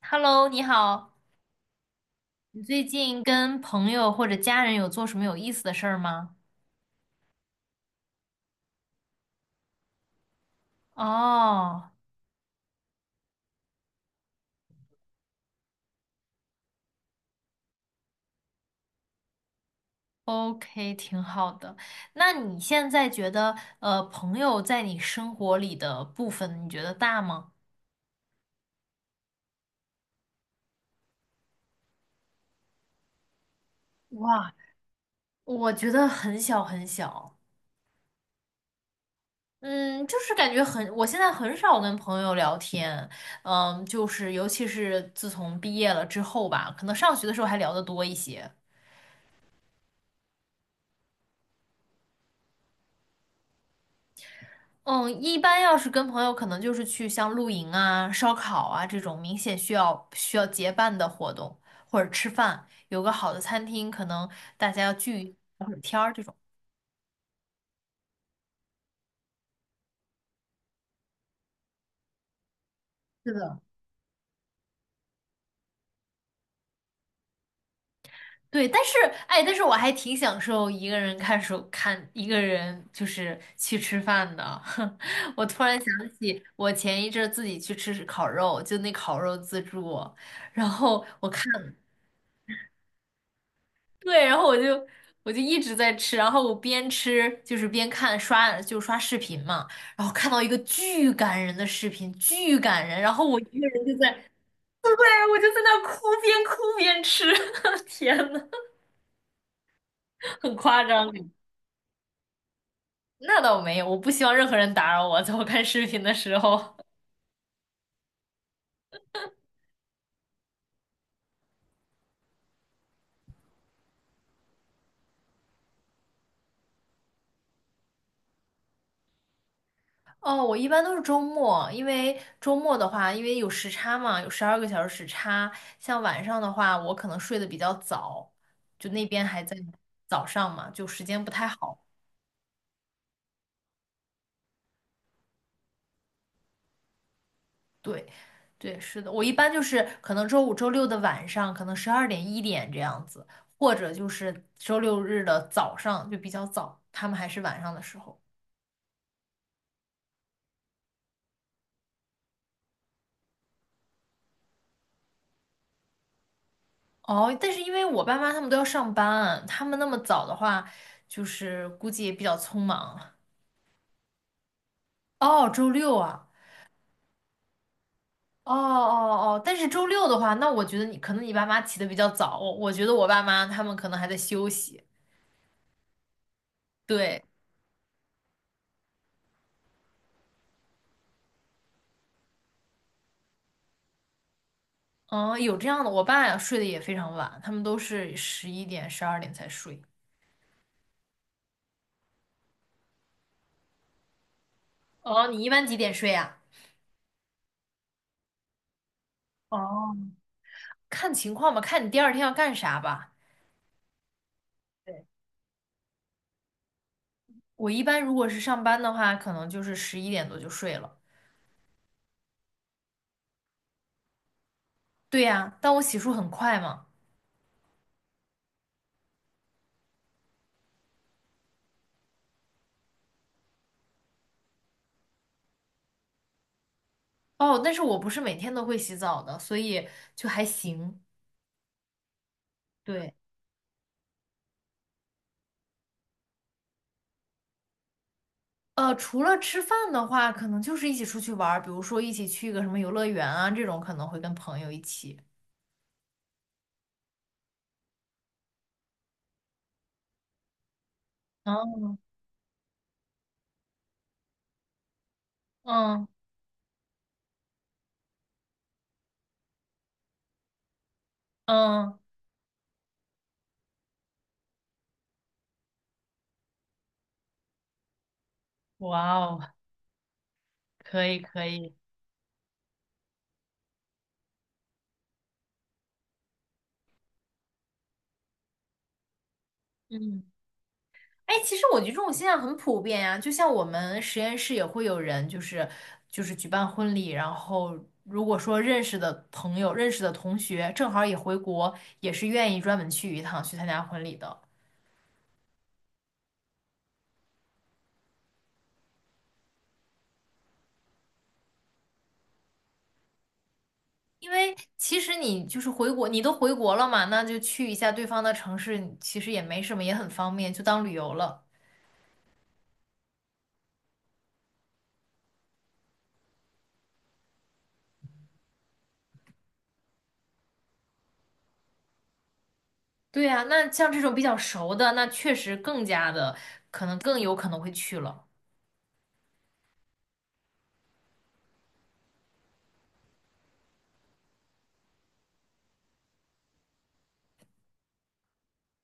Hello，你好，你最近跟朋友或者家人有做什么有意思的事儿吗？哦，OK，挺好的。那你现在觉得，朋友在你生活里的部分，你觉得大吗？哇，我觉得很小很小。嗯，就是感觉很，我现在很少跟朋友聊天。嗯，就是尤其是自从毕业了之后吧，可能上学的时候还聊得多一些。嗯，一般要是跟朋友，可能就是去像露营啊、烧烤啊这种明显需要结伴的活动，或者吃饭，有个好的餐厅，可能大家要聚。是的。对，但是我还挺享受一个人就是去吃饭的。我突然想起我前一阵儿自己去吃烤肉，就那烤肉自助，然后我看。对，然后我就一直在吃，然后我边吃就是边看刷就刷视频嘛，然后看到一个巨感人的视频，巨感人，然后我一个人就在，对，我就在那哭，边哭边吃，天呐，很夸张。那倒没有，我不希望任何人打扰我，在我看视频的时候。哦，我一般都是周末，因为周末的话，因为有时差嘛，有12个小时时差。像晚上的话，我可能睡得比较早，就那边还在早上嘛，就时间不太好。对，对，是的，我一般就是可能周五、周六的晚上，可能十二点、一点这样子，或者就是周六日的早上就比较早，他们还是晚上的时候。哦，但是因为我爸妈他们都要上班，他们那么早的话，就是估计也比较匆忙。哦，周六啊。哦哦哦，但是周六的话，那我觉得你可能你爸妈起得比较早，我觉得我爸妈他们可能还在休息。对，嗯，有这样的，我爸呀睡得也非常晚，他们都是十一点、十二点才睡。哦，你一般几点睡呀？哦，看情况吧，看你第二天要干啥吧。对，我一般如果是上班的话，可能就是11点多就睡了。对呀，但我洗漱很快嘛。哦，但是我不是每天都会洗澡的，所以就还行。对。除了吃饭的话，可能就是一起出去玩儿，比如说一起去一个什么游乐园啊，这种可能会跟朋友一起。嗯嗯嗯，哇哦，可以可以，嗯，哎，其实我觉得这种现象很普遍呀、就像我们实验室也会有人，就是举办婚礼，然后如果说认识的朋友、认识的同学正好也回国，也是愿意专门去一趟去参加婚礼的。因为其实你就是回国，你都回国了嘛，那就去一下对方的城市，其实也没什么，也很方便，就当旅游了。对呀，那像这种比较熟的，那确实更加的，可能更有可能会去了。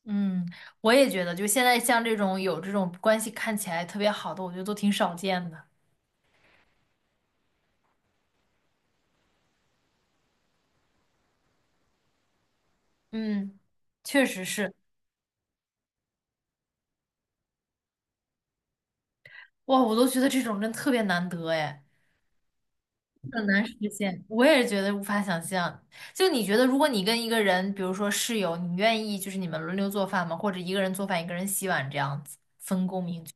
嗯，我也觉得，就现在像这种有这种关系看起来特别好的，我觉得都挺少见的。嗯，确实是，哇，我都觉得这种人特别难得哎。很难实现，我也觉得无法想象。就你觉得，如果你跟一个人，比如说室友，你愿意就是你们轮流做饭吗？或者一个人做饭，一个人洗碗这样子，分工明确？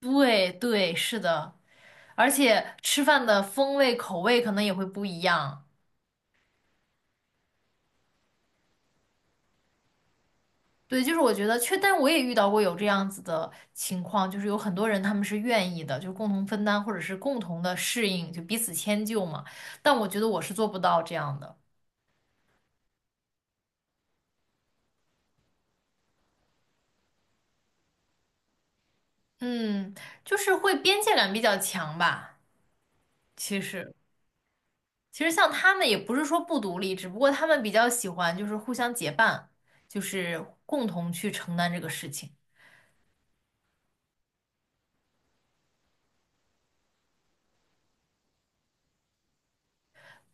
对对，是的，而且吃饭的风味口味可能也会不一样。对，就是我觉得确，但我也遇到过有这样子的情况，就是有很多人他们是愿意的，就是共同分担或者是共同的适应，就彼此迁就嘛。但我觉得我是做不到这样的，嗯，就是会边界感比较强吧。其实，其实像他们也不是说不独立，只不过他们比较喜欢就是互相结伴，就是共同去承担这个事情。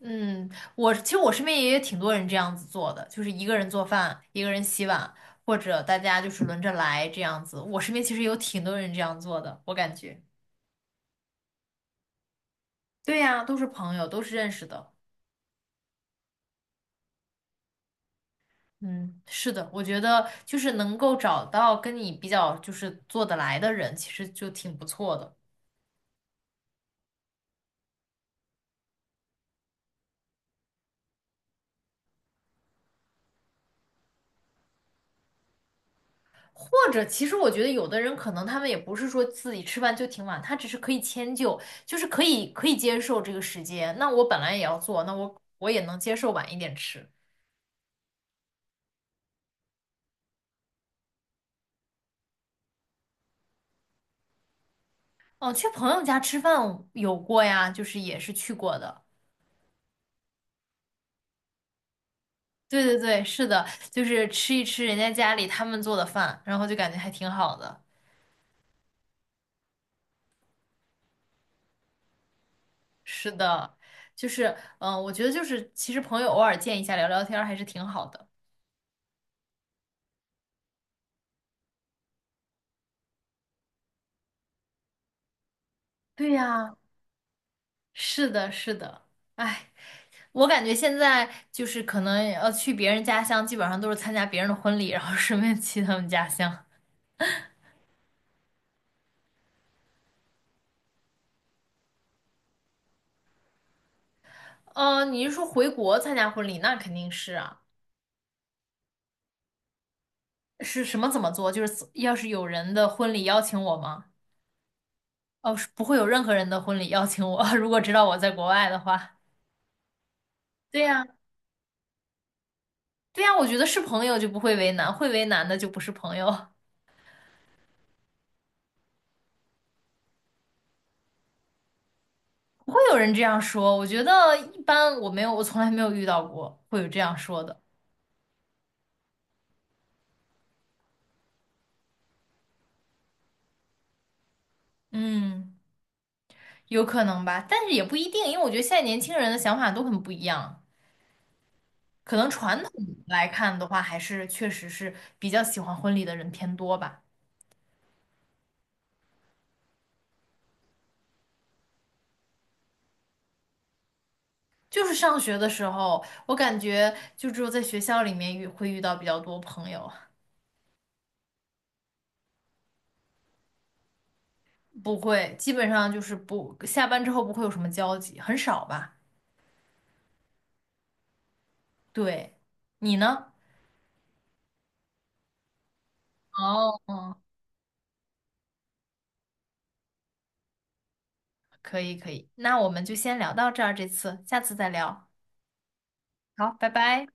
嗯，我其实我身边也有挺多人这样子做的，就是一个人做饭，一个人洗碗，或者大家就是轮着来这样子。我身边其实有挺多人这样做的，我感觉。对呀，都是朋友，都是认识的。嗯，是的，我觉得就是能够找到跟你比较就是做得来的人，其实就挺不错的。或者，其实我觉得有的人可能他们也不是说自己吃饭就挺晚，他只是可以迁就，就是可以接受这个时间。那我本来也要做，那我也能接受晚一点吃。哦，去朋友家吃饭有过呀，就是也是去过的。对对对，是的，就是吃一吃人家家里他们做的饭，然后就感觉还挺好的。是的，就是我觉得就是其实朋友偶尔见一下聊聊天儿还是挺好的。对呀，是的，是的，哎。我感觉现在就是可能去别人家乡，基本上都是参加别人的婚礼，然后顺便去他们家乡。嗯，你是说回国参加婚礼？那肯定是啊。是什么怎么做？就是要是有人的婚礼邀请我吗？哦，是不会有任何人的婚礼邀请我，如果知道我在国外的话。对呀，对呀，我觉得是朋友就不会为难，会为难的就不是朋友。不会有人这样说，我觉得一般，我没有，我从来没有遇到过会有这样说的。嗯。有可能吧，但是也不一定，因为我觉得现在年轻人的想法都很不一样。可能传统来看的话，还是确实是比较喜欢婚礼的人偏多吧。就是上学的时候，我感觉就只有在学校里面会遇到比较多朋友，不会，基本上就是不，下班之后不会有什么交集，很少吧。对，你呢？哦，可以可以，那我们就先聊到这儿，这次，下次再聊。好，拜拜。